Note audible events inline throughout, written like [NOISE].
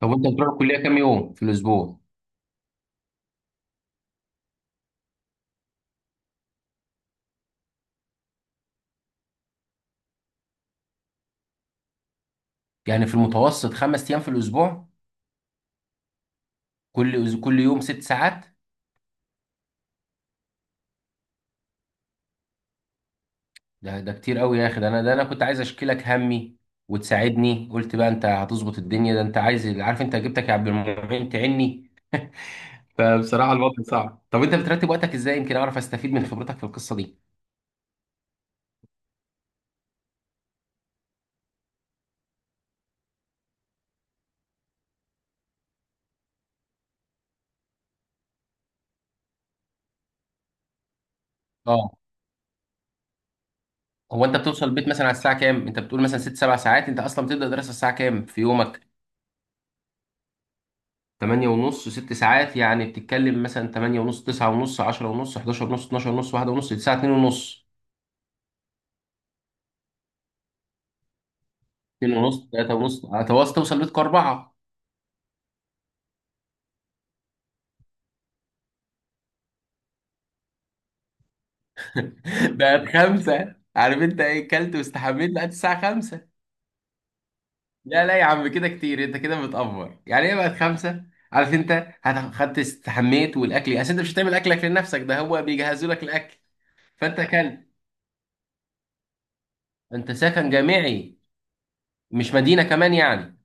طب وانت بتروح الكليه كام يوم في الاسبوع؟ يعني في المتوسط خمس ايام في الاسبوع. كل يوم ست ساعات. ده كتير قوي يا اخي. ده انا كنت عايز اشكيلك همي وتساعدني، قلت بقى انت هتظبط الدنيا، ده انت عايز، عارف انت، جبتك يا عبد المعين تعني. فبصراحه الوضع صعب. طب انت بترتب وقتك ازاي؟ يمكن اعرف استفيد من خبرتك في القصه دي. اه. هو انت بتوصل البيت مثلا على الساعه كام؟ انت بتقول مثلا ست سبع ساعات، انت اصلا بتبدا دراسه الساعه كام في يومك؟ تمانية ونص، ست ساعات، يعني بتتكلم مثلا تمانية ونص، تسعة ونص، عشرة ونص، حداشر ونص، اتناشر ونص، واحدة ونص، تسعة، اتنين ونص. اتنين ونص، تلاتة ونص، هتوصل توصل بيتكم أربعة. [LAUGHS] بقت خمسة، عارف أنت إيه، كلت واستحميت بقت الساعة خمسة. لا لا يا عم، كده كتير، أنت كده متأفور يعني إيه بقت خمسة؟ عارف أنت خدت استحميت، والأكل أصل أنت مش هتعمل أكلك لنفسك، ده هو بيجهزوا لك الأكل، فأنت أكلت. أنت سكن جامعي، مش مدينة كمان يعني؟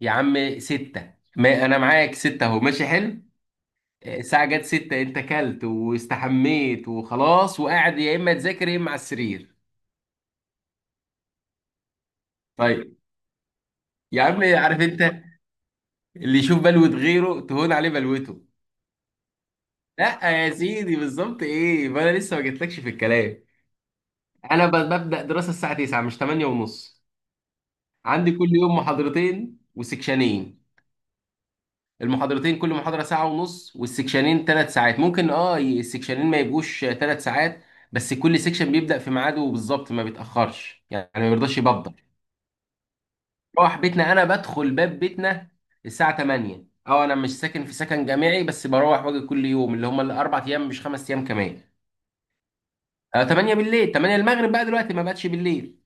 يا عم ستة، ما أنا معاك، ستة أهو ماشي حلو. الساعة جت ستة، انت كلت واستحميت وخلاص، وقاعد يا اما تذاكر يا اما على السرير. طيب. يا عم عارف انت، اللي يشوف بلوة غيره تهون عليه بلوته. لا يا سيدي بالظبط ايه، ما انا لسه ما جيتلكش في الكلام. انا ب- ببدأ دراسة الساعة 9 مش 8 ونص. عندي كل يوم محاضرتين وسكشنين، المحاضرتين كل محاضرة ساعة ونص، والسكشنين ثلاث ساعات. ممكن اه السكشنين ما يبقوش ثلاث ساعات، بس كل سيكشن بيبدأ في ميعاده بالظبط، ما بيتأخرش يعني، ما بيرضاش يبدأ. مروح بيتنا، انا بدخل باب بيتنا الساعه 8. اه انا مش ساكن في سكن جامعي، بس بروح واجي كل يوم، اللي هم الاربع ايام مش خمس ايام كمان. آه 8 بالليل، 8 المغرب بقى دلوقتي، ما بقتش بالليل.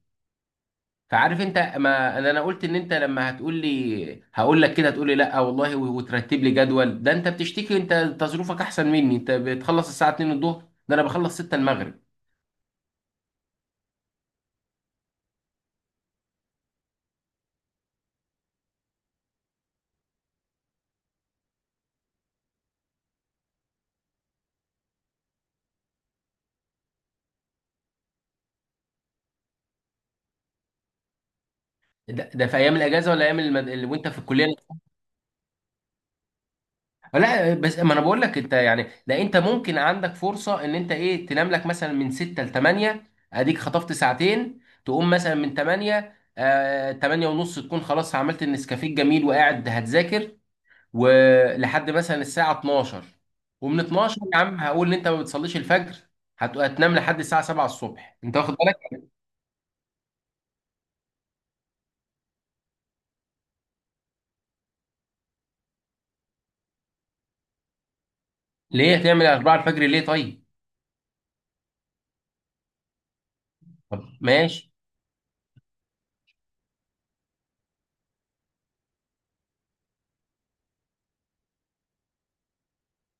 فعارف انت، ما انا أنا قلت ان انت لما هتقول لي هقول لك كده، هتقول لي لا والله، وترتب لي جدول. ده انت بتشتكي انت، تصرفك احسن مني، انت بتخلص الساعه 2 الظهر، ده انا بخلص 6 المغرب. ده في ايام الاجازه ولا ايام وانت في الكليه؟ لا بس ما انا بقول لك انت، يعني لا انت ممكن عندك فرصه ان انت ايه، تنام لك مثلا من 6 ل 8، اديك خطفت ساعتين، تقوم مثلا من 8، آه 8 ونص، تكون خلاص عملت النسكافيه الجميل وقاعد هتذاكر، ولحد مثلا الساعه 12. ومن 12 يا عم، هقول ان انت ما بتصليش الفجر، هتنام لحد الساعه 7 الصبح، انت واخد بالك. ليه هتعمل 4 الفجر ليه؟ طيب. طب ماشي.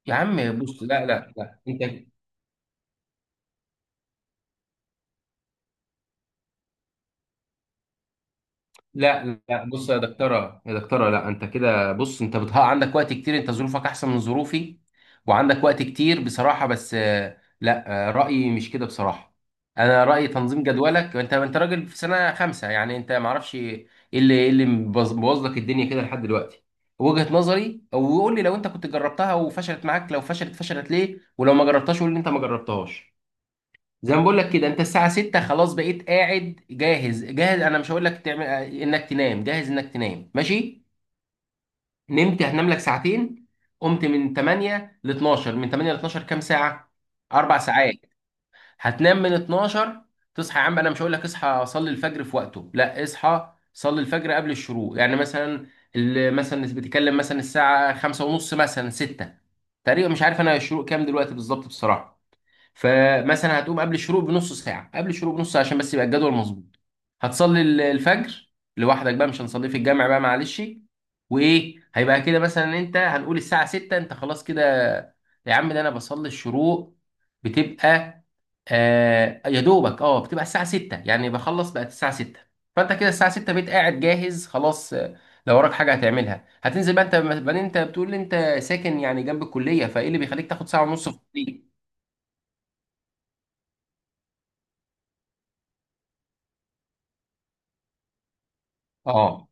يا عم بص، لا لا لا انت، لا لا بص يا دكتوره يا دكتوره، لا انت كده بص، انت بتها عندك وقت كتير، انت ظروفك احسن من ظروفي، وعندك وقت كتير بصراحه. بس آه، لا آه، رايي مش كده بصراحه، انا رايي تنظيم جدولك، انت انت راجل في سنه خمسه يعني، انت ما اعرفش ايه اللي إيه اللي مبوظ بوظ لك الدنيا كده لحد دلوقتي. وجهه نظري، او قول لي لو انت كنت جربتها وفشلت معاك، لو فشلت، فشلت ليه، ولو ما جربتهاش قول لي انت ما جربتهاش. زي ما بقول لك كده، انت الساعة 6 خلاص بقيت قاعد جاهز جاهز، انا مش هقول لك تعمل انك تنام، جاهز انك تنام ماشي، نمت، هتنام لك ساعتين، قمت من 8 ل 12. من 8 ل 12 كام ساعة؟ اربع ساعات. هتنام من 12، تصحى، يا عم انا مش هقول لك اصحى صلي الفجر في وقته، لا اصحى صلي الفجر قبل الشروق يعني، مثلا مثلا بتتكلم مثلا الساعة 5 ونص مثلا 6 تقريبا، مش عارف انا الشروق كام دلوقتي بالظبط بصراحة. فمثلا هتقوم قبل الشروق بنص ساعة، قبل الشروق بنص ساعة عشان بس يبقى الجدول مظبوط، هتصلي الفجر لوحدك بقى، مش هنصليه في الجامع بقى معلش. وايه هيبقى كده مثلا، انت هنقول الساعة 6 انت خلاص كده. يا عم ده انا بصلي الشروق بتبقى آه يا دوبك، اه بتبقى الساعة 6 يعني، بخلص بقت الساعة 6. فانت كده الساعة 6 بقيت قاعد جاهز خلاص آه، لو وراك حاجة هتعملها هتنزل بقى انت بعدين. انت بتقول لي انت ساكن يعني جنب الكلية، فايه اللي بيخليك تاخد ساعة ونص في الطريق؟ اه.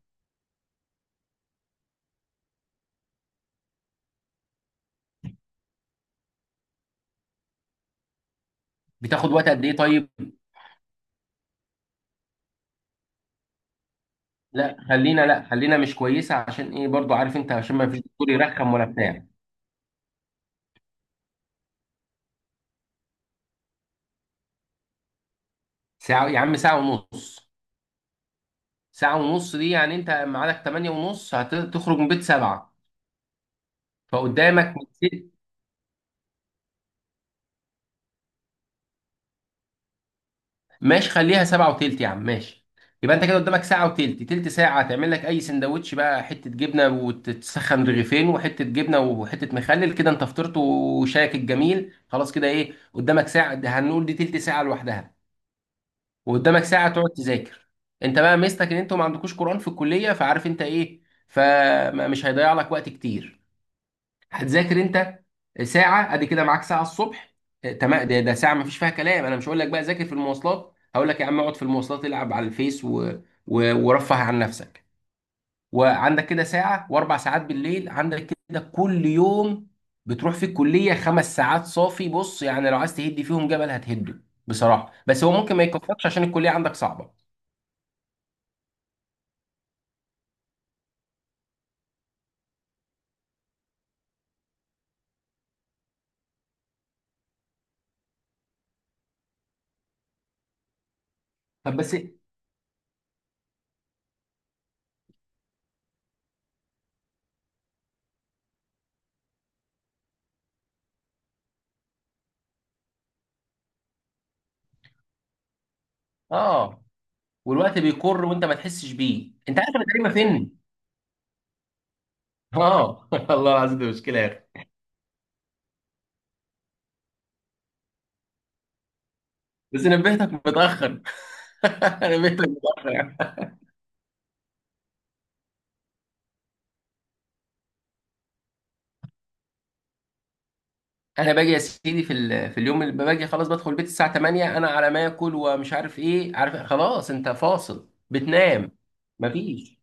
بتاخد وقت قد ايه طيب؟ لا خلينا، لا خلينا مش كويسه، عشان ايه برضو عارف انت، عشان ما فيش دكتور يرخم ولا بتاع. ساعه يا عم، ساعه ونص. ساعه ونص دي يعني انت ميعادك 8 ونص، هتخرج من بيت 7. فقدامك من ماشي خليها 7 وتلت يا عم ماشي. يبقى انت كده قدامك ساعه وتلت، تلت ساعه تعمل لك اي سندوتش بقى، حته جبنه وتتسخن رغيفين وحته جبنه وحته مخلل كده، انت فطرت وشايك الجميل خلاص كده، ايه قدامك ساعه، ده هنقول دي تلت ساعه لوحدها، وقدامك ساعه تقعد تذاكر. انت بقى ميزتك ان انتوا ما عندكوش قران في الكليه، فعارف انت ايه، فمش هيضيع لك وقت كتير، هتذاكر انت ساعه، ادي كده معاك ساعه الصبح. اه، تمام. ده ساعه ما فيش فيها كلام، انا مش هقول لك بقى ذاكر في المواصلات، هقول لك يا عم اقعد في المواصلات العب على الفيس ورفه عن نفسك. وعندك كده ساعه، واربع ساعات بالليل، عندك كده كل يوم بتروح في الكليه خمس ساعات صافي، بص يعني لو عايز تهدي فيهم جبل هتهده بصراحه. بس هو ممكن ما يكفكش، عشان الكليه عندك صعبه. طب بس. اه. والوقت بيكر وانت ما تحسش بيه، انت عارف انا تقريبا فين. اه. [LAUGHS] الله العظيم دي مشكله يا اخي. بس نبهتك متاخر. [LAUGHS] نبهتك متاخر. انا باجي يا سيدي في اليوم اللي باجي خلاص، بدخل البيت الساعه 8، انا على ما اكل ومش عارف ايه، عارف خلاص انت فاصل بتنام. مفيش.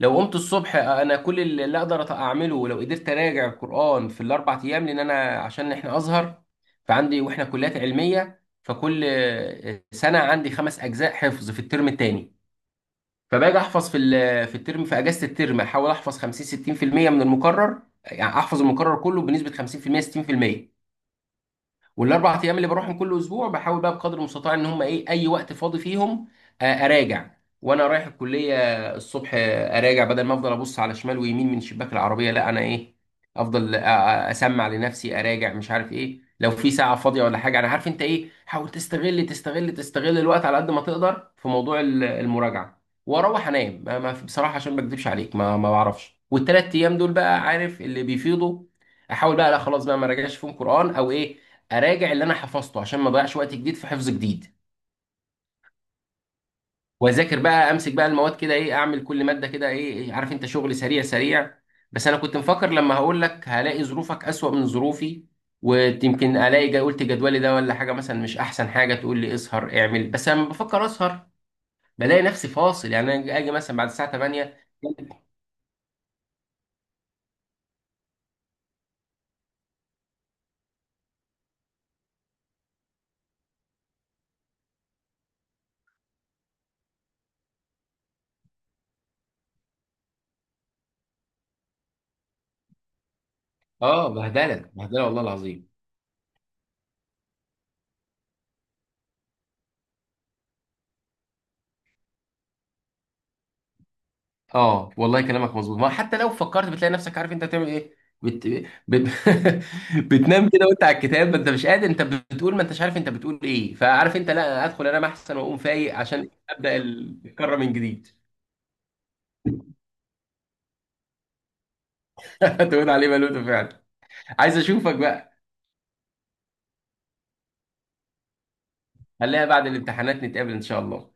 لو قمت الصبح، انا كل اللي اقدر اعمله لو قدرت اراجع القران في الاربع ايام، لان انا عشان احنا ازهر، فعندي، واحنا كليات علميه، فكل سنه عندي خمس اجزاء حفظ في الترم الثاني. فباجي احفظ في الترم، في اجازه الترم احاول احفظ 50 60% من المكرر، يعني احفظ المكرر كله بنسبه 50% 60%. والاربع ايام اللي بروحهم كل اسبوع بحاول بقى بقدر المستطاع ان هم ايه، اي وقت فاضي فيهم آه، اراجع. وانا رايح الكليه الصبح آه، اراجع بدل ما افضل ابص على شمال ويمين من شباك العربيه، لا انا ايه، افضل اسمع لنفسي اراجع مش عارف ايه. لو في ساعه فاضيه ولا حاجه، انا عارف انت ايه، حاول تستغل تستغل الوقت على قد ما تقدر في موضوع المراجعه. واروح انام بصراحه عشان ما اكذبش عليك ما بعرفش. والثلاث ايام دول بقى عارف اللي بيفيضوا، احاول بقى، لا خلاص بقى ما راجعش فيهم قران او ايه، اراجع اللي انا حفظته عشان ما اضيعش وقت جديد في حفظ جديد. واذاكر بقى، امسك بقى المواد كده ايه، اعمل كل ماده كده ايه إيه، عارف انت شغل سريع سريع. بس انا كنت مفكر لما هقول لك هلاقي ظروفك اسوأ من ظروفي، ويمكن الاقي قلت جدولي ده ولا حاجه مثلا، مش احسن حاجه تقول لي اسهر اعمل. بس لما بفكر اسهر بلاقي نفسي فاصل، يعني انا اجي مثلا بعد الساعه 8. اه. بهدله بهدله والله العظيم. اه والله كلامك مظبوط، ما حتى لو فكرت بتلاقي نفسك عارف انت بتعمل ايه، بت... بت... [LAUGHS] بتنام كده وانت على الكتاب، ما انت مش قادر، انت بتقول ما انتش عارف انت بتقول ايه، فعارف انت، لا ادخل انام احسن واقوم فايق عشان ابدا الكره من جديد. [LAUGHS] تقول عليه بلوتو فعلا. عايز اشوفك بقى. خليها بعد الامتحانات نتقابل ان شاء الله.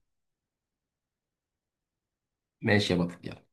ماشي يا بطل يلا.